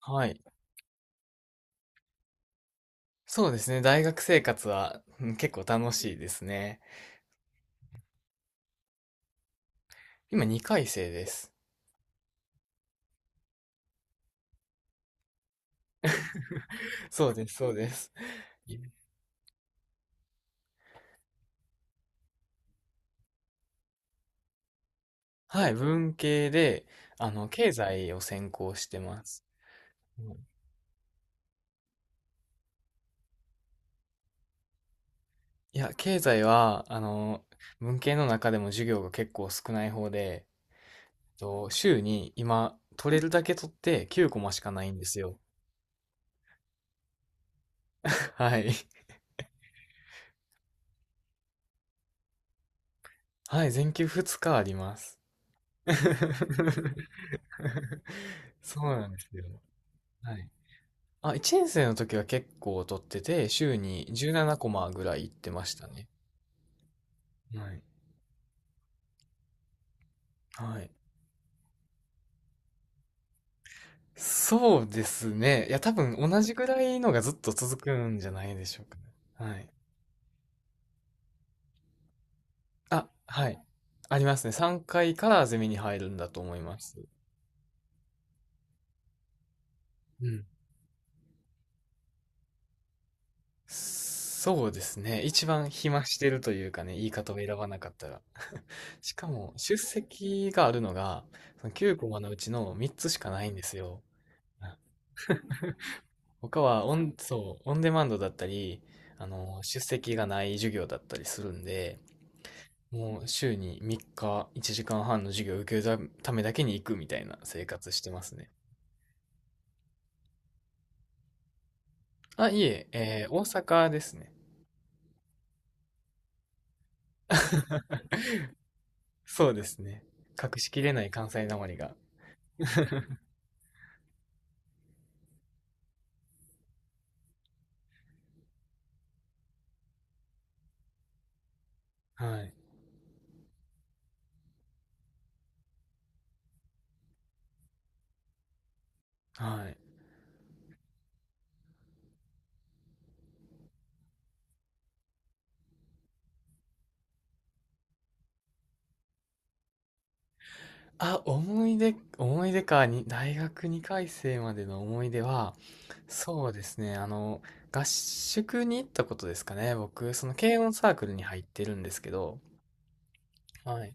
はい。そうですね。大学生活は、結構楽しいですね。今2回生です。そうです、そうです。はい、文系で、経済を専攻してます。うんいや、経済は、文系の中でも授業が結構少ない方で、週に今、取れるだけ取って9コマしかないんですよ。はい。はい、全休2日あります。そうなんですよ。はい。あ、1年生の時は結構取ってて、週に17コマぐらい行ってましたね。はい。はい。そうですね。いや、多分同じぐらいのがずっと続くんじゃないでしょうかね。はい。あ、はい。ありますね。3回からゼミに入るんだと思います。うん。そうですね。一番暇してるというかね、言い方を選ばなかったら。しかも、出席があるのが、その9コマのうちの3つしかないんですよ。他はそう、オンデマンドだったり、出席がない授業だったりするんで、もう週に3日1時間半の授業を受けるためだけに行くみたいな生活してますね。あ、いえ、大阪ですね。そうですね。隠しきれない関西なまりが。はい。はい。あ、思い出か、大学2回生までの思い出は、そうですね、合宿に行ったことですかね。僕、その軽音サークルに入ってるんですけど、はい。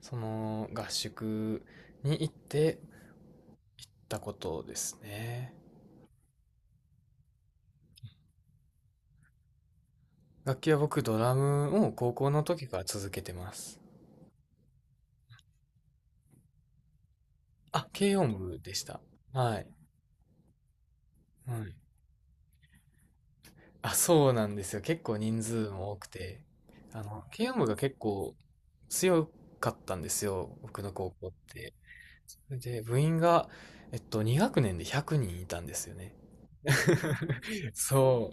その合宿に行ってたことですね。楽器は僕、ドラムを高校の時から続けてます。あ、軽音部でした。はい。はい。あ、そうなんですよ。結構人数も多くて。慶応部が結構強かったんですよ。僕の高校って。それで、部員が、2学年で100人いたんですよね。そ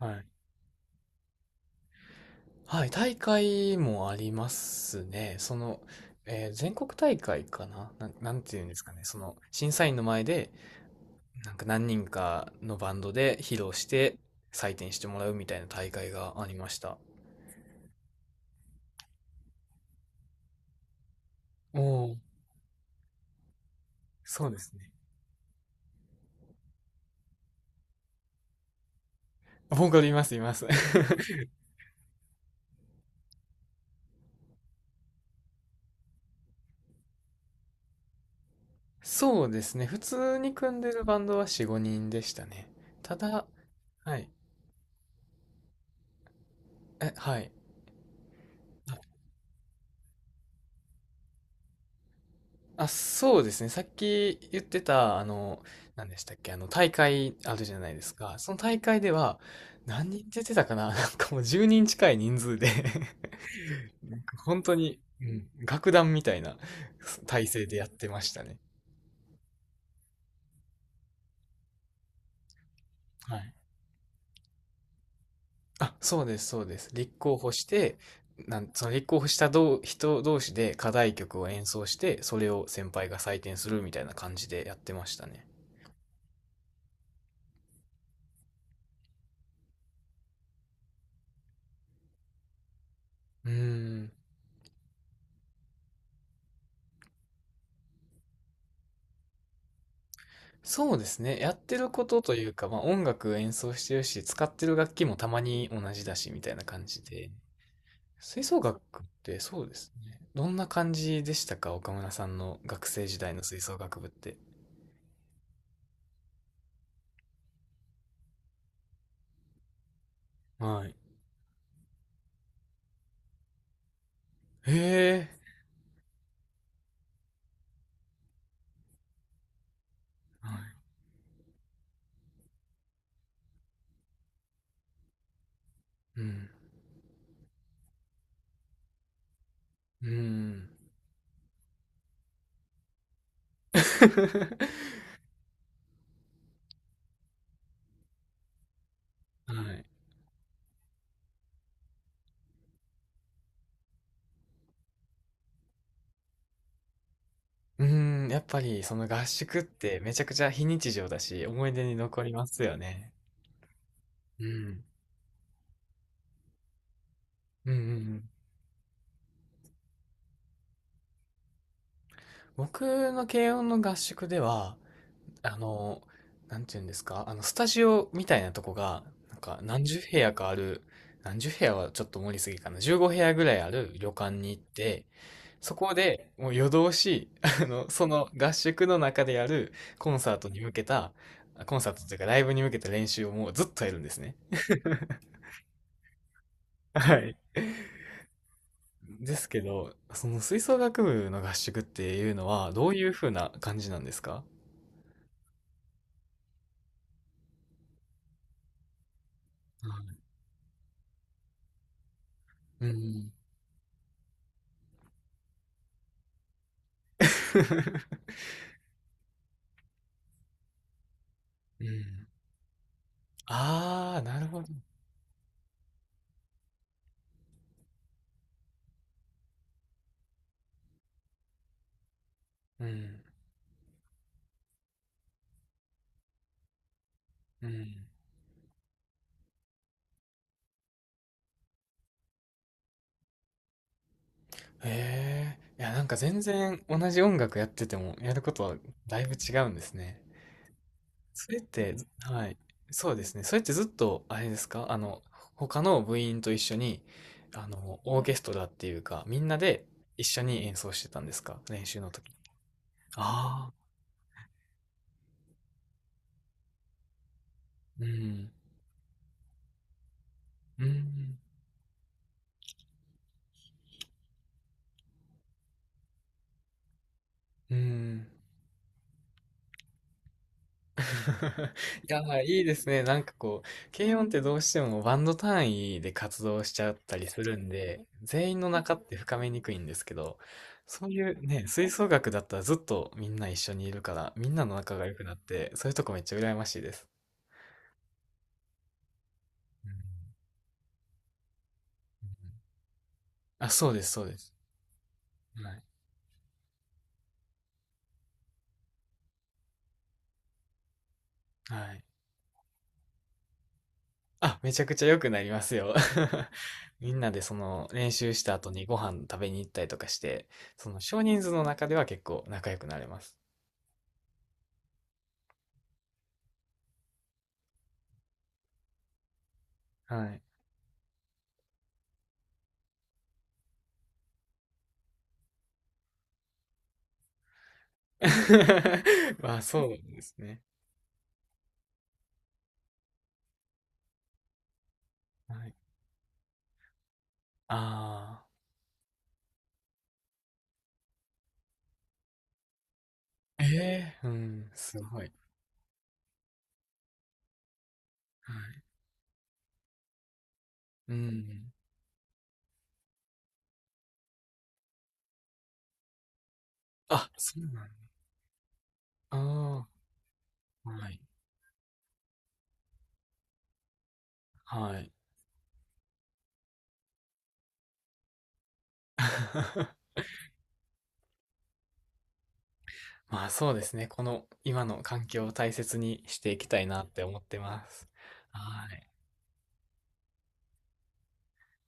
う。はい。はい、大会もありますね。その、全国大会かな、なんていうんですかね。その、審査員の前で、なんか何人かのバンドで披露して採点してもらうみたいな大会がありました。おお、そうですね。僕います、います。 そうですね、普通に組んでるバンドは45人でしたね。ただ、はい、はい、あ、そうですね。さっき言ってた何でしたっけ、あの大会あるじゃないですか。その大会では、何人出てたかな。 なんかもう10人近い人数で、 なんか本当に、楽団みたいな体制でやってましたね。はい。あ、そうです、そうです。立候補して、その立候補したどう人同士で課題曲を演奏して、それを先輩が採点するみたいな感じでやってましたね。うーん。そうですね。やってることというか、まあ音楽演奏してるし、使ってる楽器もたまに同じだし、みたいな感じで。吹奏楽ってそうですね。どんな感じでしたか？岡村さんの学生時代の吹奏楽部って。はい。へえ。はい。うん。うん。はい。うーん、やっぱりその合宿ってめちゃくちゃ非日常だし、思い出に残りますよね。うん。うんうんうん。僕の軽音の合宿では、あの、なんていうんですか、スタジオみたいなとこが、なんか何十部屋かある、何十部屋はちょっと盛りすぎかな、15部屋ぐらいある旅館に行って、そこでもう夜通し、その合宿の中でやるコンサートに向けた、コンサートというかライブに向けた練習をもうずっとやるんですね。はい。ですけど、その吹奏楽部の合宿っていうのはどういう風な感じなんですか？うん。うん。ああ、なるほど。うん。うん。へえ。いや、なんか全然同じ音楽やってても、やることはだいぶ違うんですね。それって、ずはい。そうですね。それってずっと、あれですか？他の部員と一緒に、オーケストラっていうか、みんなで一緒に演奏してたんですか？練習の時。ああ。うん。うーん。うーん。いや、まあいいですね。なんかこう、軽音ってどうしてもバンド単位で活動しちゃったりするんで、全員の仲って深めにくいんですけど、そういうね、吹奏楽だったらずっとみんな一緒にいるから、みんなの仲が良くなって、そういうとこめっちゃ羨ましいです。うん。あ、そうです、そうです。はい。はい。あ、めちゃくちゃ良くなりますよ。みんなでその練習した後にご飯食べに行ったりとかして、その少人数の中では結構仲良くなれます。はい。まあそうですね。はい。ああ。ええーうん、すごい。はい。うん。あ、そうなんだ。ああ、はい。はい。まあそうですね。この今の環境を大切にしていきたいなって思ってます。はい。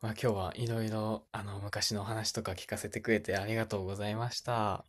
まあ、今日はいろいろ、昔のお話とか聞かせてくれてありがとうございました。